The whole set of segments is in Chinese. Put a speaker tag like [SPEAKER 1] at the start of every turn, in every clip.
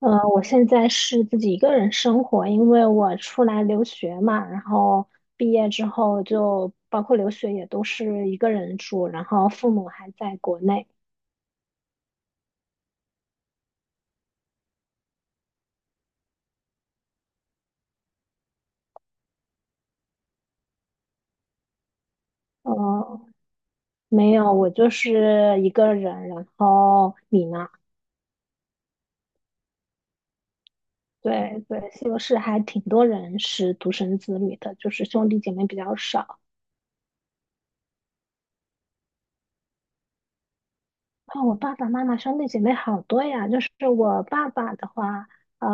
[SPEAKER 1] 我现在是自己一个人生活，因为我出来留学嘛，然后毕业之后就包括留学也都是一个人住，然后父母还在国内。呃，没有，我就是一个人。然后你呢？对对，西欧是还挺多人是独生子女的，就是兄弟姐妹比较少。哦，我爸爸妈妈兄弟姐妹好多呀。就是我爸爸的话，呃，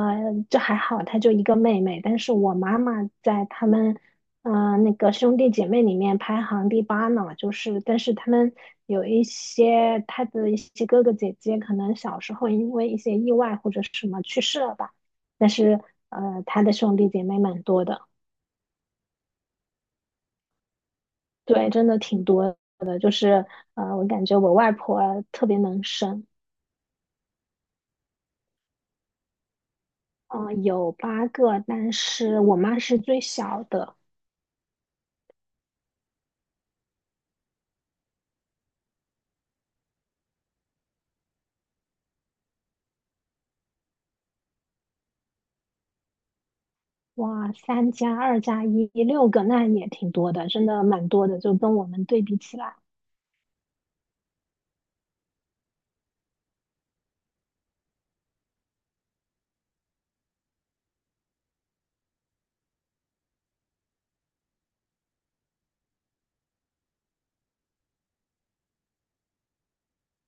[SPEAKER 1] 就还好，他就一个妹妹。但是我妈妈在他们，那个兄弟姐妹里面排行第八呢。就是，但是他们有一些他的一些哥哥姐姐，可能小时候因为一些意外或者什么去世了吧。但是，他的兄弟姐妹蛮多的。对，真的挺多的。就是，我感觉我外婆特别能生。有八个，但是我妈是最小的。哇，三加二加一，六个，那也挺多的，真的蛮多的，就跟我们对比起来。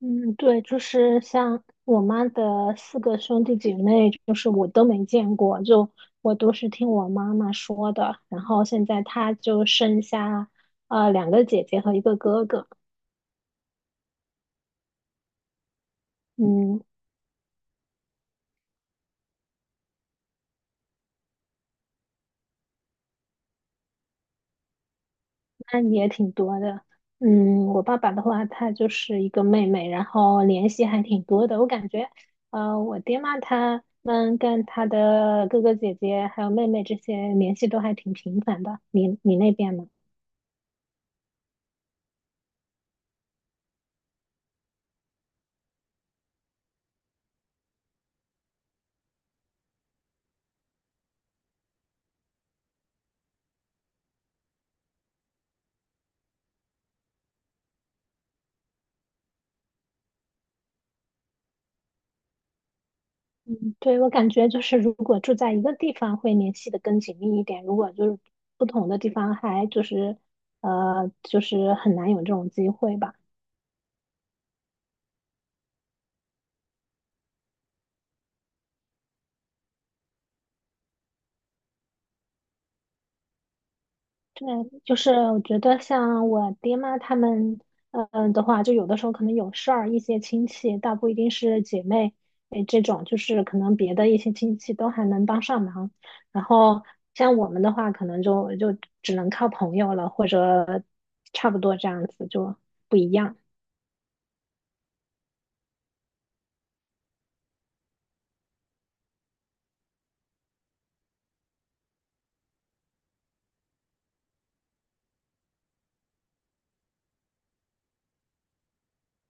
[SPEAKER 1] 嗯，对，就是像我妈的四个兄弟姐妹，就是我都没见过，就我都是听我妈妈说的。然后现在她就剩下两个姐姐和一个哥哥。嗯，那你也挺多的。嗯，我爸爸的话，他就是一个妹妹，然后联系还挺多的。我感觉，我爹妈他们跟他的哥哥姐姐还有妹妹这些联系都还挺频繁的。你那边呢？嗯，对，我感觉就是如果住在一个地方会联系的更紧密一点，如果就是不同的地方还就是就是很难有这种机会吧。对，就是我觉得像我爹妈他们，的话，就有的时候可能有事儿，一些亲戚，倒不一定是姐妹，哎，这种就是可能别的一些亲戚都还能帮上忙。然后像我们的话，可能就只能靠朋友了，或者差不多这样子就不一样。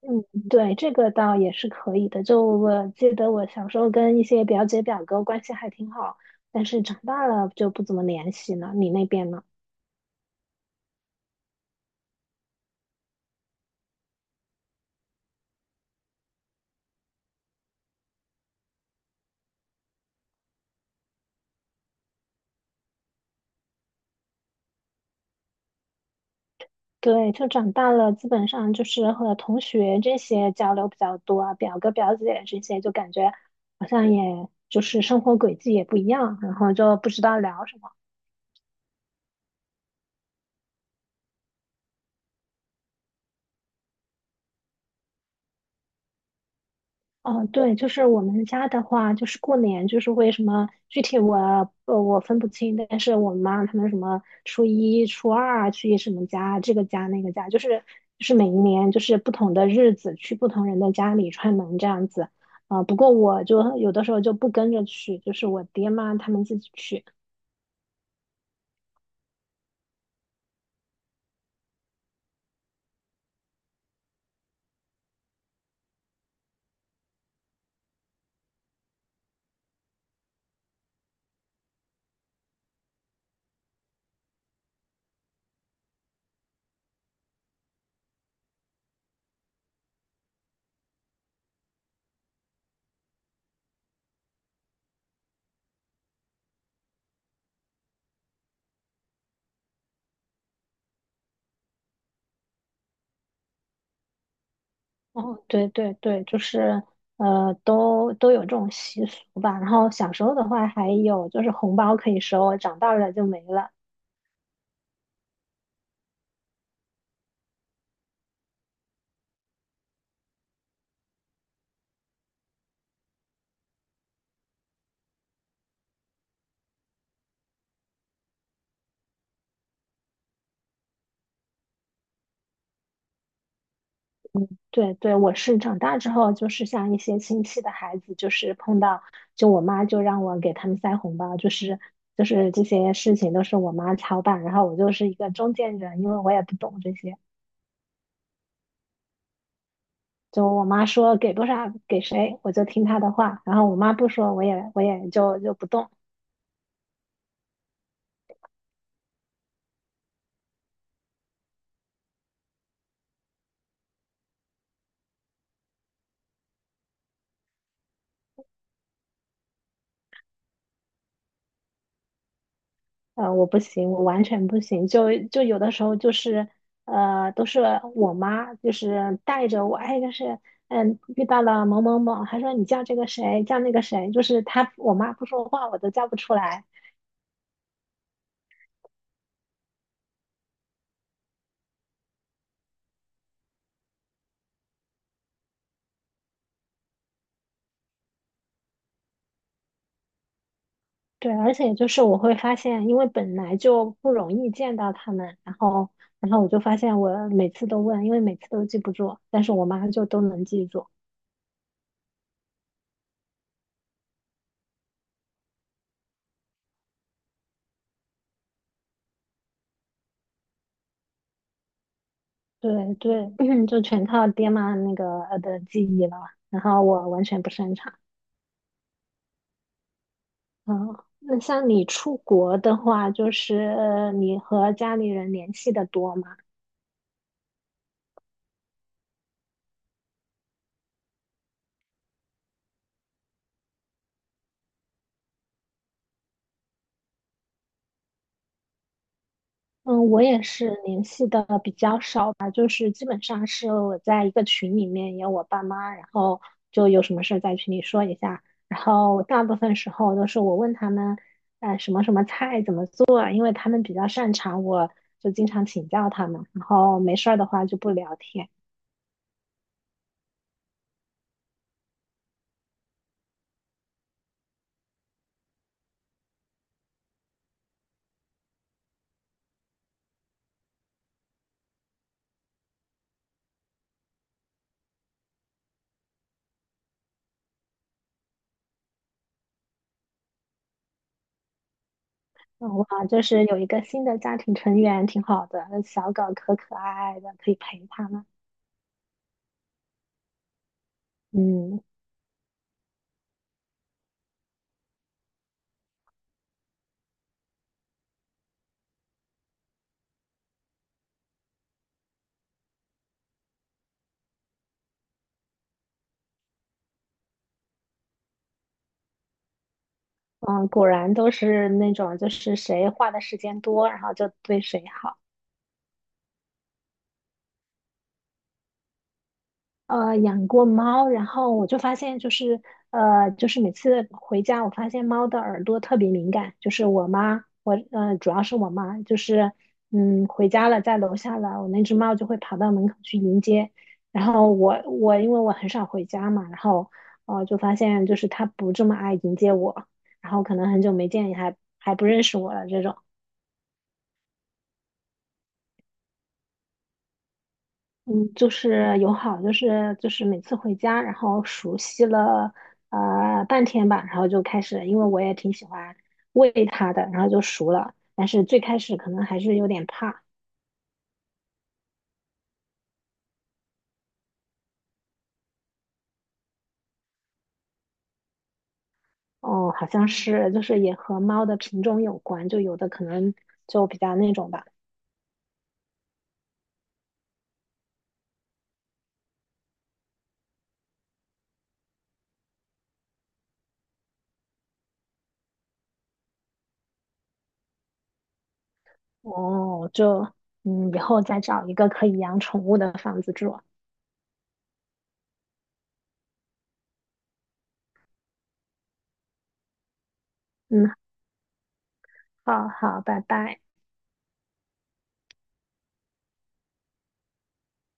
[SPEAKER 1] 嗯，对，这个倒也是可以的。就我记得我小时候跟一些表姐表哥关系还挺好，但是长大了就不怎么联系了。你那边呢？对，就长大了，基本上就是和同学这些交流比较多啊，表哥表姐啊这些，就感觉好像也就是生活轨迹也不一样，然后就不知道聊什么。哦，对，就是我们家的话，就是过年就是为什么具体我我分不清，但是我妈他们什么初一、初二啊去什么家，这个家那个家，就是每一年就是不同的日子去不同人的家里串门这样子。啊，不过我就有的时候就不跟着去，就是我爹妈他们自己去。哦，对对对，就是都有这种习俗吧。然后小时候的话，还有就是红包可以收，长大了就没了。对对，我是长大之后，就是像一些亲戚的孩子，就是碰到，就我妈就让我给他们塞红包，就是这些事情都是我妈操办，然后我就是一个中间人，因为我也不懂这些，就我妈说给多少给谁，我就听她的话，然后我妈不说，我也就不动。我不行，我完全不行。就有的时候就是，都是我妈就是带着我，哎，就是遇到了某某某，还说你叫这个谁，叫那个谁，就是她我妈不说话，我都叫不出来。对，而且就是我会发现，因为本来就不容易见到他们，然后我就发现我每次都问，因为每次都记不住，但是我妈就都能记住。对对，就全靠爹妈那个的记忆了，然后我完全不擅长。嗯，那像你出国的话，就是你和家里人联系的多吗？嗯，我也是联系的比较少吧，就是基本上是我在一个群里面有我爸妈，然后就有什么事在群里说一下，然后大部分时候都是我问他们，什么什么菜怎么做啊，因为他们比较擅长，我就经常请教他们，然后没事儿的话就不聊天。嗯哇，就是有一个新的家庭成员，挺好的。那小狗可可爱爱的，可以陪它们。嗯嗯，果然都是那种，就是谁花的时间多，然后就对谁好。养过猫，然后我就发现就是就是每次回家，我发现猫的耳朵特别敏感，就是我妈，主要是我妈，就是回家了，在楼下了，我那只猫就会跑到门口去迎接，然后我因为我很少回家嘛，然后就发现就是它不这么爱迎接我，然后可能很久没见，也还不认识我了这种。嗯，就是友好，就是每次回家，然后熟悉了半天吧，然后就开始，因为我也挺喜欢喂它的，然后就熟了。但是最开始可能还是有点怕。哦，好像是就是也和猫的品种有关，就有的可能就比较那种吧。哦，以后再找一个可以养宠物的房子住。嗯，好好，拜拜。